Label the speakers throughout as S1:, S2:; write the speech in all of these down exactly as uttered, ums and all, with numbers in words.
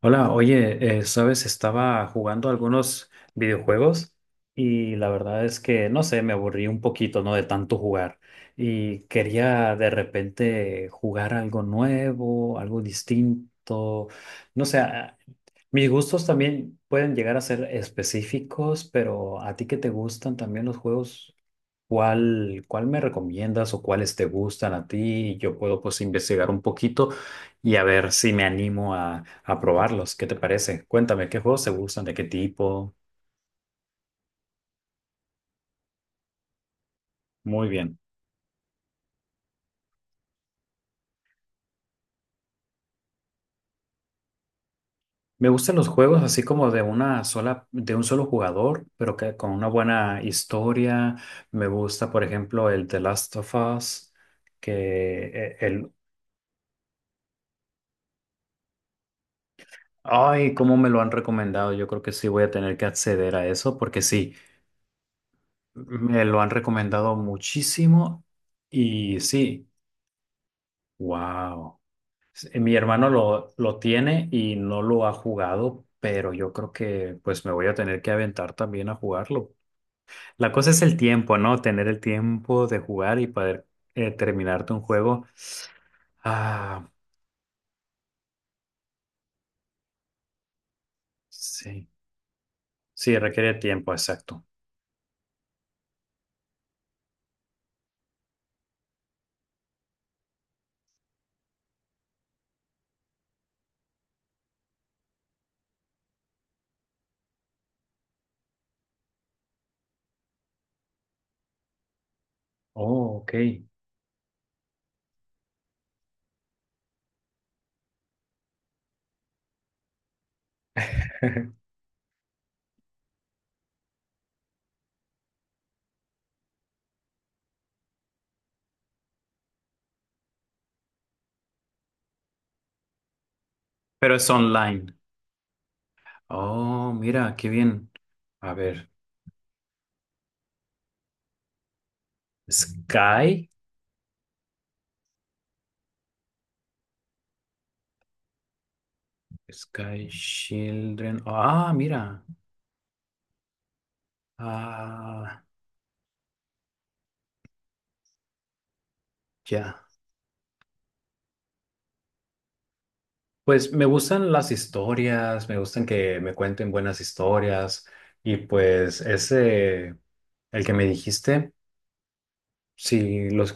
S1: Hola, oye, eh, sabes, estaba jugando algunos videojuegos y la verdad es que, no sé, me aburrí un poquito, ¿no? De tanto jugar y quería de repente jugar algo nuevo, algo distinto, no sé, a- mis gustos también pueden llegar a ser específicos, pero a ti que te gustan también los juegos. ¿Cuál, cuál me recomiendas o cuáles te gustan a ti? Yo puedo pues investigar un poquito y a ver si me animo a, a probarlos. ¿Qué te parece? Cuéntame, ¿qué juegos te gustan? ¿De qué tipo? Muy bien. Me gustan los juegos así como de una sola, de un solo jugador, pero que con una buena historia. Me gusta, por ejemplo, el The Last of Us. que eh, el... Ay, cómo me lo han recomendado. Yo creo que sí voy a tener que acceder a eso porque sí. Me lo han recomendado muchísimo y sí, wow. Mi hermano lo, lo tiene y no lo ha jugado, pero yo creo que pues me voy a tener que aventar también a jugarlo. La cosa es el tiempo, ¿no? Tener el tiempo de jugar y poder eh, terminarte un juego. Ah, sí, sí, requiere tiempo, exacto. Oh, ok. Pero es online. Oh, mira, qué bien. A ver, Sky. Sky Children. Ah, mira. Ah, ya. Pues me gustan las historias, me gustan que me cuenten buenas historias. Y pues ese, el que me dijiste, sí, los,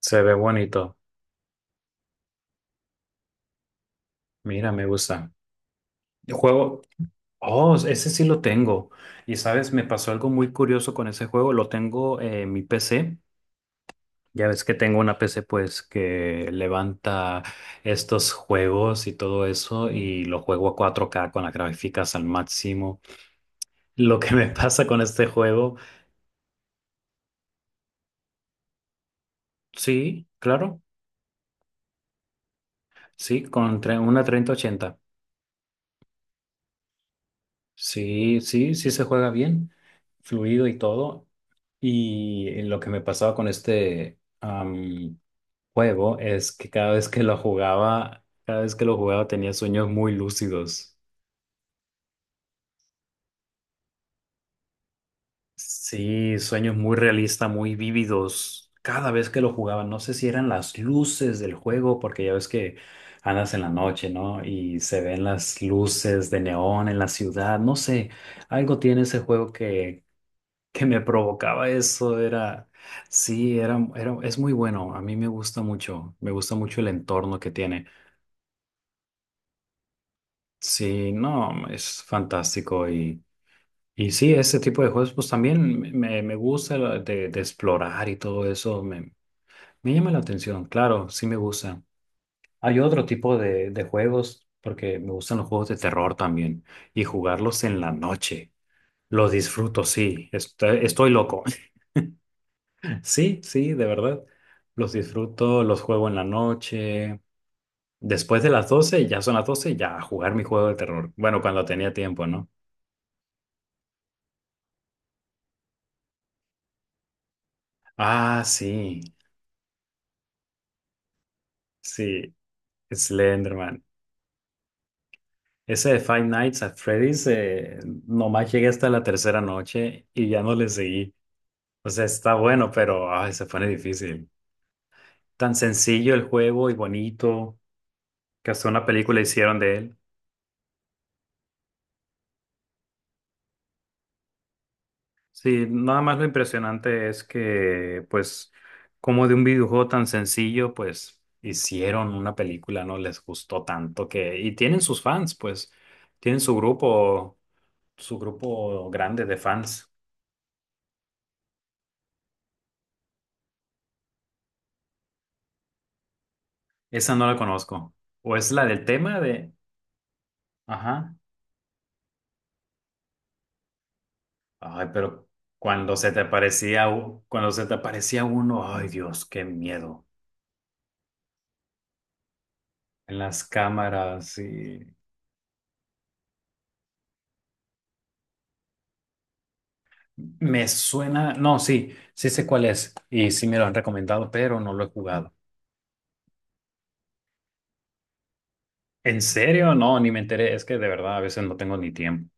S1: se ve bonito. Mira, me gusta. El juego, oh, ese sí lo tengo. Y sabes, me pasó algo muy curioso con ese juego. Lo tengo en mi P C. Ya ves que tengo una P C pues que levanta estos juegos y todo eso y lo juego a cuatro k con las gráficas al máximo. Lo que me pasa con este juego, sí, claro, sí, con tre- una treinta ochenta. Sí, sí, sí se juega bien, fluido y todo. Y eh, lo que me pasaba con este am, juego es que cada vez que lo jugaba, cada vez que lo jugaba tenía sueños muy lúcidos. Sí, sueños muy realistas, muy vívidos. Cada vez que lo jugaban, no sé si eran las luces del juego, porque ya ves que andas en la noche, ¿no? Y se ven las luces de neón en la ciudad. No sé, algo tiene ese juego que, que me provocaba eso. Era, sí, era, era, es muy bueno. A mí me gusta mucho. Me gusta mucho el entorno que tiene. Sí, no, es fantástico. Y sí, este tipo de juegos pues también me, me- me gusta lo de, de explorar y todo eso, me, me llama la atención, claro, sí me gusta. Hay otro tipo de, de juegos, porque me gustan los juegos de terror también, y jugarlos en la noche, los disfruto, sí, estoy, estoy loco. Sí, sí, de verdad, los disfruto, los juego en la noche, después de las doce ya son las doce ya a jugar mi juego de terror, bueno, cuando tenía tiempo, ¿no? Ah, sí, sí, Slenderman. Ese de Five Nights at Freddy's, eh, nomás llegué hasta la tercera noche y ya no le seguí. O sea, está bueno, pero ay, se pone difícil. Tan sencillo el juego y bonito, que hasta una película hicieron de él. Sí, nada más lo impresionante es que, pues, como de un videojuego tan sencillo, pues, hicieron una película, ¿no? Les gustó tanto que... Y tienen sus fans, pues, tienen su grupo, su grupo grande de fans. Esa no la conozco. ¿O es la del tema de, Ajá. Ay, pero cuando se te aparecía, u- cuando se te aparecía uno, ay Dios, qué miedo. En las cámaras y me suena, no, sí, sí sé cuál es y sí me lo han recomendado, pero no lo he jugado. ¿En serio? No, ni me enteré. Es que de verdad a veces no tengo ni tiempo.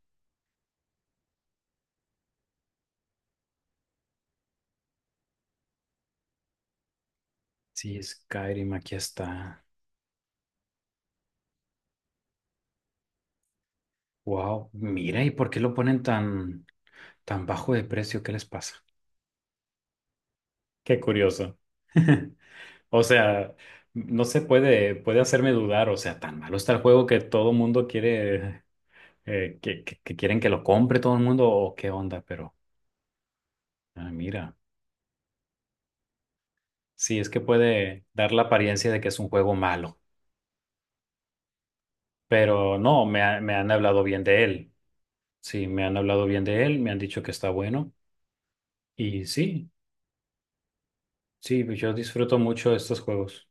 S1: Sí, Skyrim, aquí está. Wow, mira, ¿y por qué lo ponen tan, tan bajo de precio? ¿Qué les pasa? Qué curioso. O sea, no se puede, puede hacerme dudar. O sea, tan malo está el juego que todo el mundo quiere, eh, que, que, que quieren que lo compre todo el mundo o qué onda, pero ah, mira, sí, es que puede dar la apariencia de que es un juego malo, pero no, me, ha- me han hablado bien de él. Sí, me han hablado bien de él, me han dicho que está bueno y sí, sí, yo disfruto mucho estos juegos.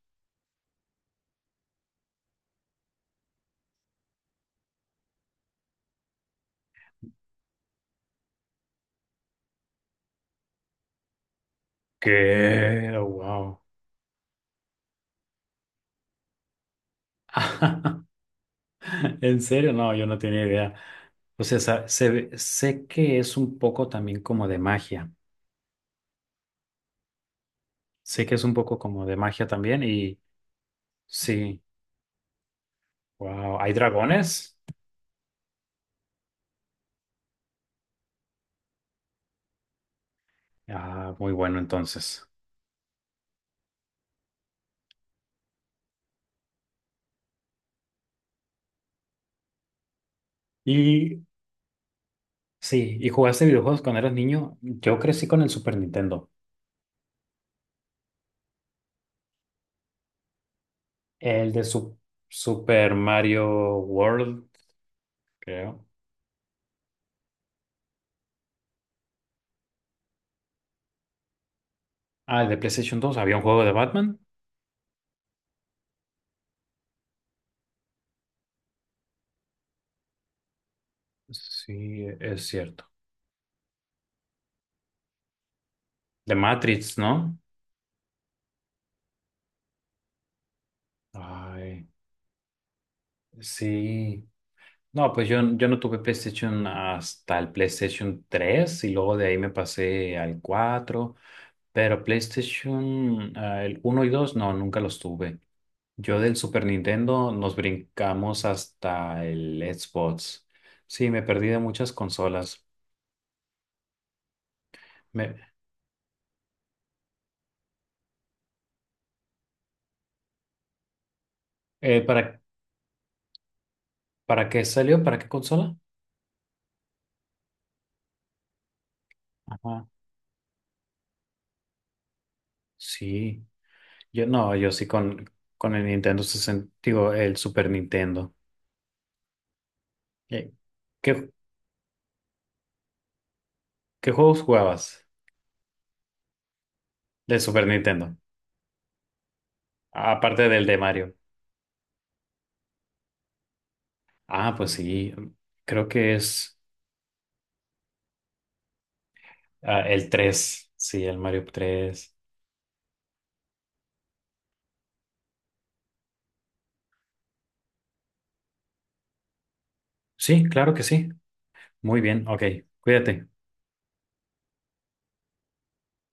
S1: ¿Qué? Wow. ¿En serio? No, yo no tenía idea. O sea, sa- se ve- sé que es un poco también como de magia. Sé que es un poco como de magia también y sí, wow, ¿hay dragones? Ah, muy bueno entonces. Y sí, ¿y jugaste videojuegos cuando eras niño? Yo crecí con el Super Nintendo, el de Su- Super Mario World, creo. Ah, el de PlayStation dos. Había un juego de Batman. Sí, es cierto. De Matrix, ¿no? Ay, sí. No, pues yo, yo no tuve PlayStation hasta el PlayStation tres y luego de ahí me pasé al cuatro, pero PlayStation ah, el uno y dos no, nunca los tuve. Yo del Super Nintendo nos brincamos hasta el Xbox. Sí, me perdí de muchas consolas. Me- eh, ¿para, para qué salió? ¿Para qué consola? Ajá. Sí, yo no, yo sí con, con, el Nintendo sesenta, digo, el Super Nintendo. Eh, ¿Qué, qué juegos jugabas? Del Super Nintendo. Aparte del de Mario. Ah, pues sí. Creo que es ah, el tres, sí, el Mario tres. Sí, claro que sí. Muy bien. Ok. Cuídate.